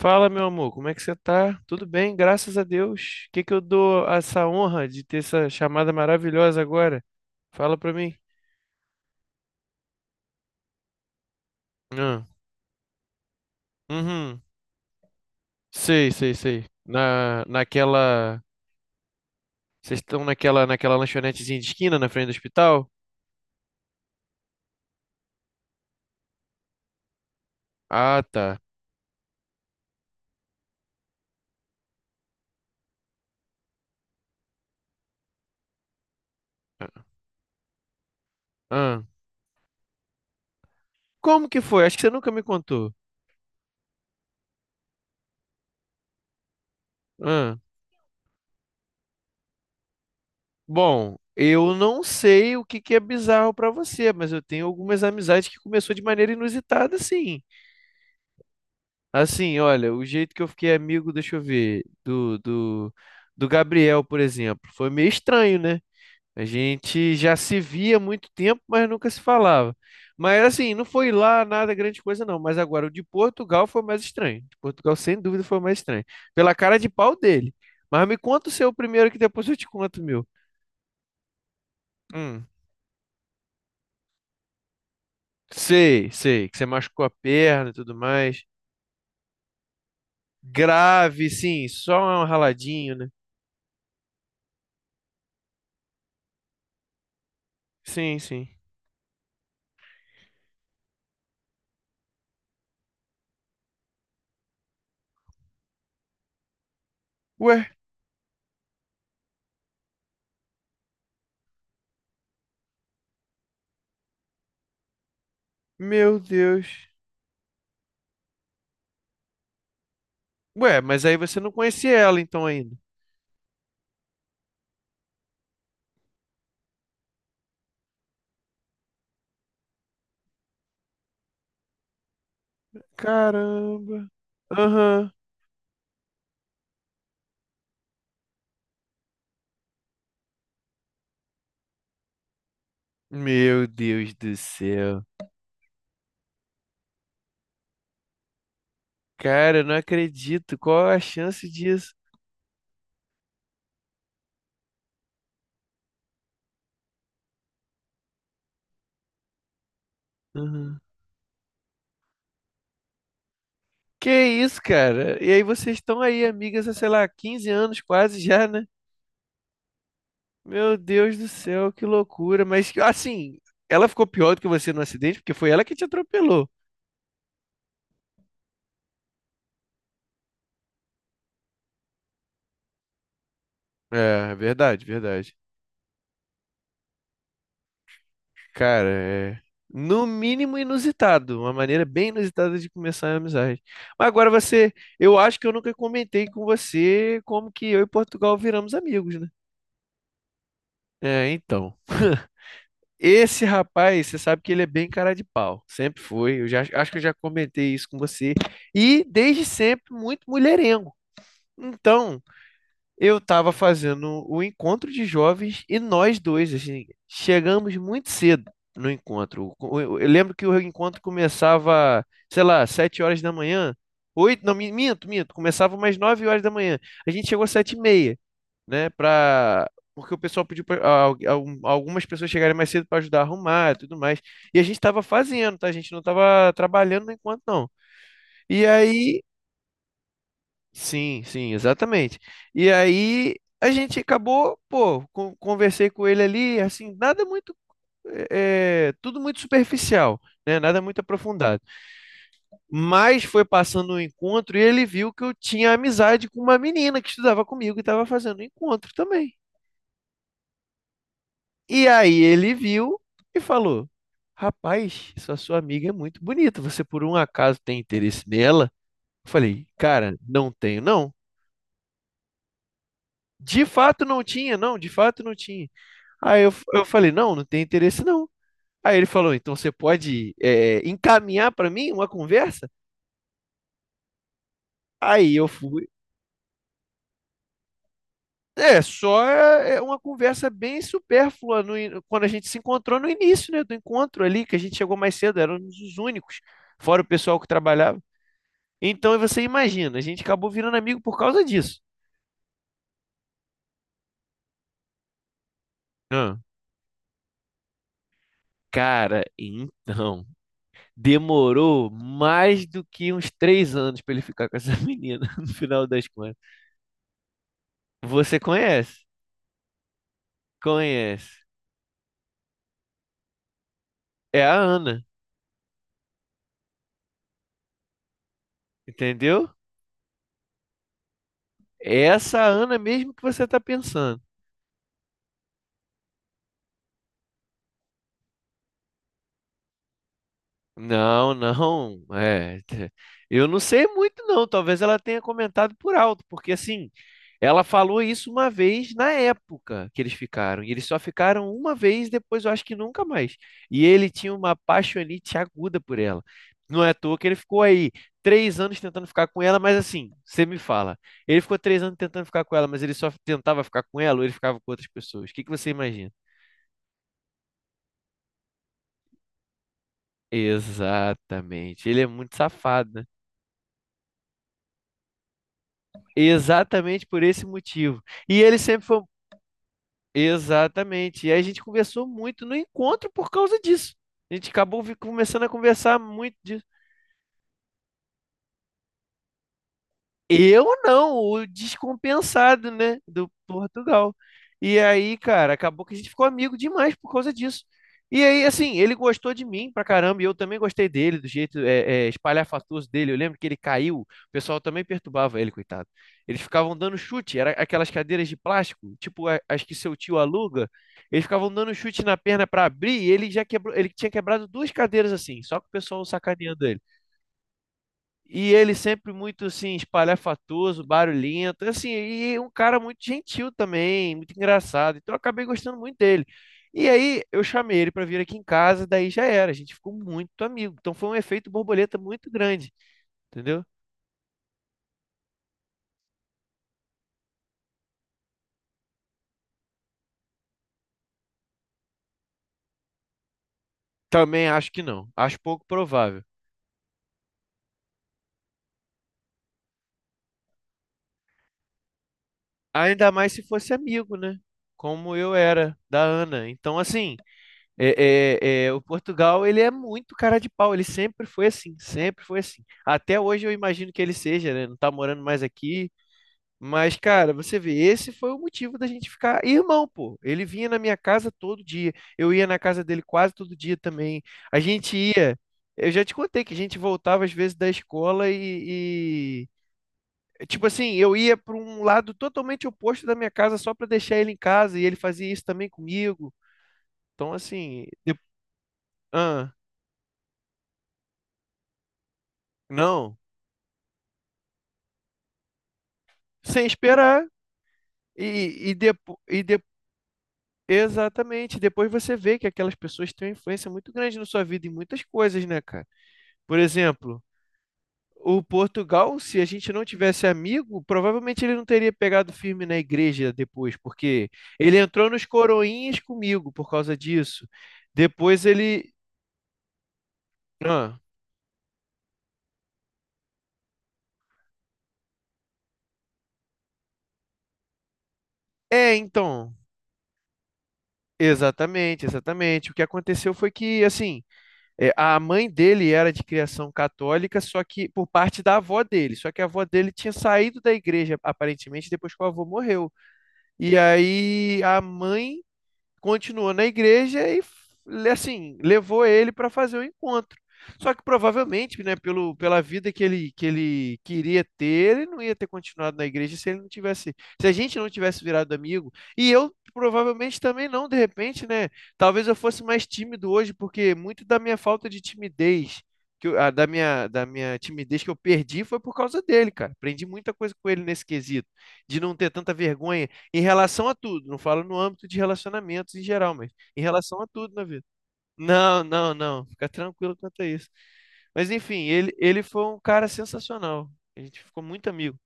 Fala, meu amor, como é que você tá? Tudo bem, graças a Deus. O que que eu dou essa honra de ter essa chamada maravilhosa agora? Fala pra mim. Ah, uhum. Sei, sei, sei. Naquela. Vocês estão naquela lanchonetezinha de esquina na frente do hospital? Ah, tá. Ah. Ah. Como que foi? Acho que você nunca me contou. Ah. Bom, eu não sei o que que é bizarro pra você, mas eu tenho algumas amizades que começou de maneira inusitada, sim. Assim, olha, o jeito que eu fiquei amigo, deixa eu ver, do Gabriel, por exemplo, foi meio estranho, né? A gente já se via há muito tempo, mas nunca se falava. Mas assim, não foi lá nada grande coisa, não. Mas agora, o de Portugal foi mais estranho. De Portugal, sem dúvida, foi mais estranho. Pela cara de pau dele. Mas me conta o seu primeiro, que depois eu te conto o meu. Hum, sei, sei, que você machucou a perna e tudo mais. Grave, sim, só um raladinho, né? Sim, sim. Ué? Meu Deus. Ué, mas aí você não conhecia ela então ainda. Caramba. Aham. Meu Deus do céu. Cara, eu não acredito. Qual a chance disso? Aham. Que isso, cara? E aí vocês estão aí, amigas, há, sei lá, 15 anos quase já, né? Meu Deus do céu, que loucura. Mas assim, ela ficou pior do que você no acidente, porque foi ela que te atropelou. É, verdade, verdade. Cara, é no mínimo inusitado, uma maneira bem inusitada de começar a amizade. Mas agora você, eu acho que eu nunca comentei com você como que eu e Portugal viramos amigos, né? É, então. Esse rapaz, você sabe que ele é bem cara de pau, sempre foi. Eu já acho que eu já comentei isso com você. E desde sempre muito mulherengo. Então, eu estava fazendo o encontro de jovens e nós dois, assim, chegamos muito cedo no encontro. Eu lembro que o encontro começava, sei lá, 7h da manhã, oito, não, minto, minto, começava umas 9h da manhã. A gente chegou às 7h30, né, pra... Porque o pessoal pediu para algumas pessoas chegarem mais cedo para ajudar a arrumar e tudo mais. E a gente estava fazendo, tá? A gente não estava trabalhando no encontro, não. E aí. Sim, sim, exatamente. E aí a gente acabou, pô, conversei com ele ali, assim, nada muito, é, tudo muito superficial, né? Nada muito aprofundado. Mas foi passando o encontro e ele viu que eu tinha amizade com uma menina que estudava comigo e estava fazendo o encontro também. E aí ele viu e falou: rapaz, essa sua amiga é muito bonita. Você por um acaso tem interesse nela? Eu falei, cara, não tenho, não. De fato não tinha, não, de fato não tinha. Aí eu falei, não, não tem interesse não. Aí ele falou, então você pode é, encaminhar para mim uma conversa? Aí eu fui. É, só é uma conversa bem supérflua no quando a gente se encontrou no início, né, do encontro ali, que a gente chegou mais cedo, éramos os únicos, fora o pessoal que trabalhava. Então você imagina, a gente acabou virando amigo por causa disso. Ah. Cara, então, demorou mais do que uns 3 anos para ele ficar com essa menina, no final das contas. Você conhece? Conhece. É a Ana, entendeu? É essa Ana mesmo que você está pensando. Não, não. É, eu não sei muito, não. Talvez ela tenha comentado por alto, porque assim, ela falou isso uma vez na época que eles ficaram. E eles só ficaram uma vez, depois eu acho que nunca mais. E ele tinha uma paixonite aguda por ela. Não é à toa que ele ficou aí 3 anos tentando ficar com ela, mas assim, você me fala. Ele ficou 3 anos tentando ficar com ela, mas ele só tentava ficar com ela ou ele ficava com outras pessoas? O que que você imagina? Exatamente. Ele é muito safado, né? Exatamente por esse motivo. E ele sempre foi. Um. Exatamente. E aí a gente conversou muito no encontro por causa disso. A gente acabou começando a conversar muito. Eu não, o descompensado, né, do Portugal. E aí, cara, acabou que a gente ficou amigo demais por causa disso. E aí, assim, ele gostou de mim pra caramba, e eu também gostei dele, do jeito espalhafatoso dele. Eu lembro que ele caiu, o pessoal também perturbava ele, coitado. Eles ficavam dando chute, era aquelas cadeiras de plástico, tipo as que seu tio aluga. Eles ficavam dando chute na perna pra abrir, e ele já quebrou, ele tinha quebrado duas cadeiras assim, só que o pessoal sacaneando ele. E ele sempre muito assim, espalhafatoso, barulhento, assim, e um cara muito gentil também, muito engraçado. Então eu acabei gostando muito dele. E aí eu chamei ele para vir aqui em casa, daí já era, a gente ficou muito amigo. Então foi um efeito borboleta muito grande, entendeu? Também acho que não, acho pouco provável. Ainda mais se fosse amigo, né? Como eu era da Ana. Então, assim, É, o Portugal, ele é muito cara de pau, ele sempre foi assim, sempre foi assim. Até hoje eu imagino que ele seja, né? Não tá morando mais aqui. Mas, cara, você vê, esse foi o motivo da gente ficar irmão, pô. Ele vinha na minha casa todo dia, eu ia na casa dele quase todo dia também. A gente ia, eu já te contei que a gente voltava às vezes da escola e, tipo assim, eu ia para um lado totalmente oposto da minha casa só para deixar ele em casa e ele fazia isso também comigo. Então, assim, de... Não, sem esperar. E, e, depo, e de, exatamente, depois você vê que aquelas pessoas têm uma influência muito grande na sua vida em muitas coisas, né, cara? Por exemplo, o Portugal, se a gente não tivesse amigo, provavelmente ele não teria pegado firme na igreja depois, porque ele entrou nos coroinhas comigo por causa disso. Depois ele. Ah, é, então. Exatamente, exatamente. O que aconteceu foi que, assim. É, a mãe dele era de criação católica, só que por parte da avó dele. Só que a avó dele tinha saído da igreja, aparentemente, depois que o avô morreu. E aí a mãe continuou na igreja e assim, levou ele para fazer o encontro. Só que provavelmente, né, pela vida que ele queria ter, ele não ia ter continuado na igreja se a gente não tivesse virado amigo. E eu provavelmente também não, de repente, né? Talvez eu fosse mais tímido hoje, porque muito da minha falta de timidez, que da minha timidez que eu perdi foi por causa dele, cara. Aprendi muita coisa com ele nesse quesito, de não ter tanta vergonha em relação a tudo, não falo no âmbito de relacionamentos em geral, mas em relação a tudo na vida. Não, não, não, fica tranquilo quanto a isso. Mas enfim, ele foi um cara sensacional. A gente ficou muito amigo.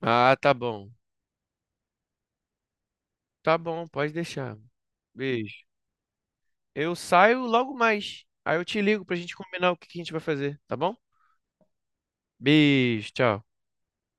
Ah, tá bom. Tá bom, pode deixar. Beijo. Eu saio logo mais. Aí eu te ligo pra gente combinar o que que a gente vai fazer, tá bom? Beijo, tchau.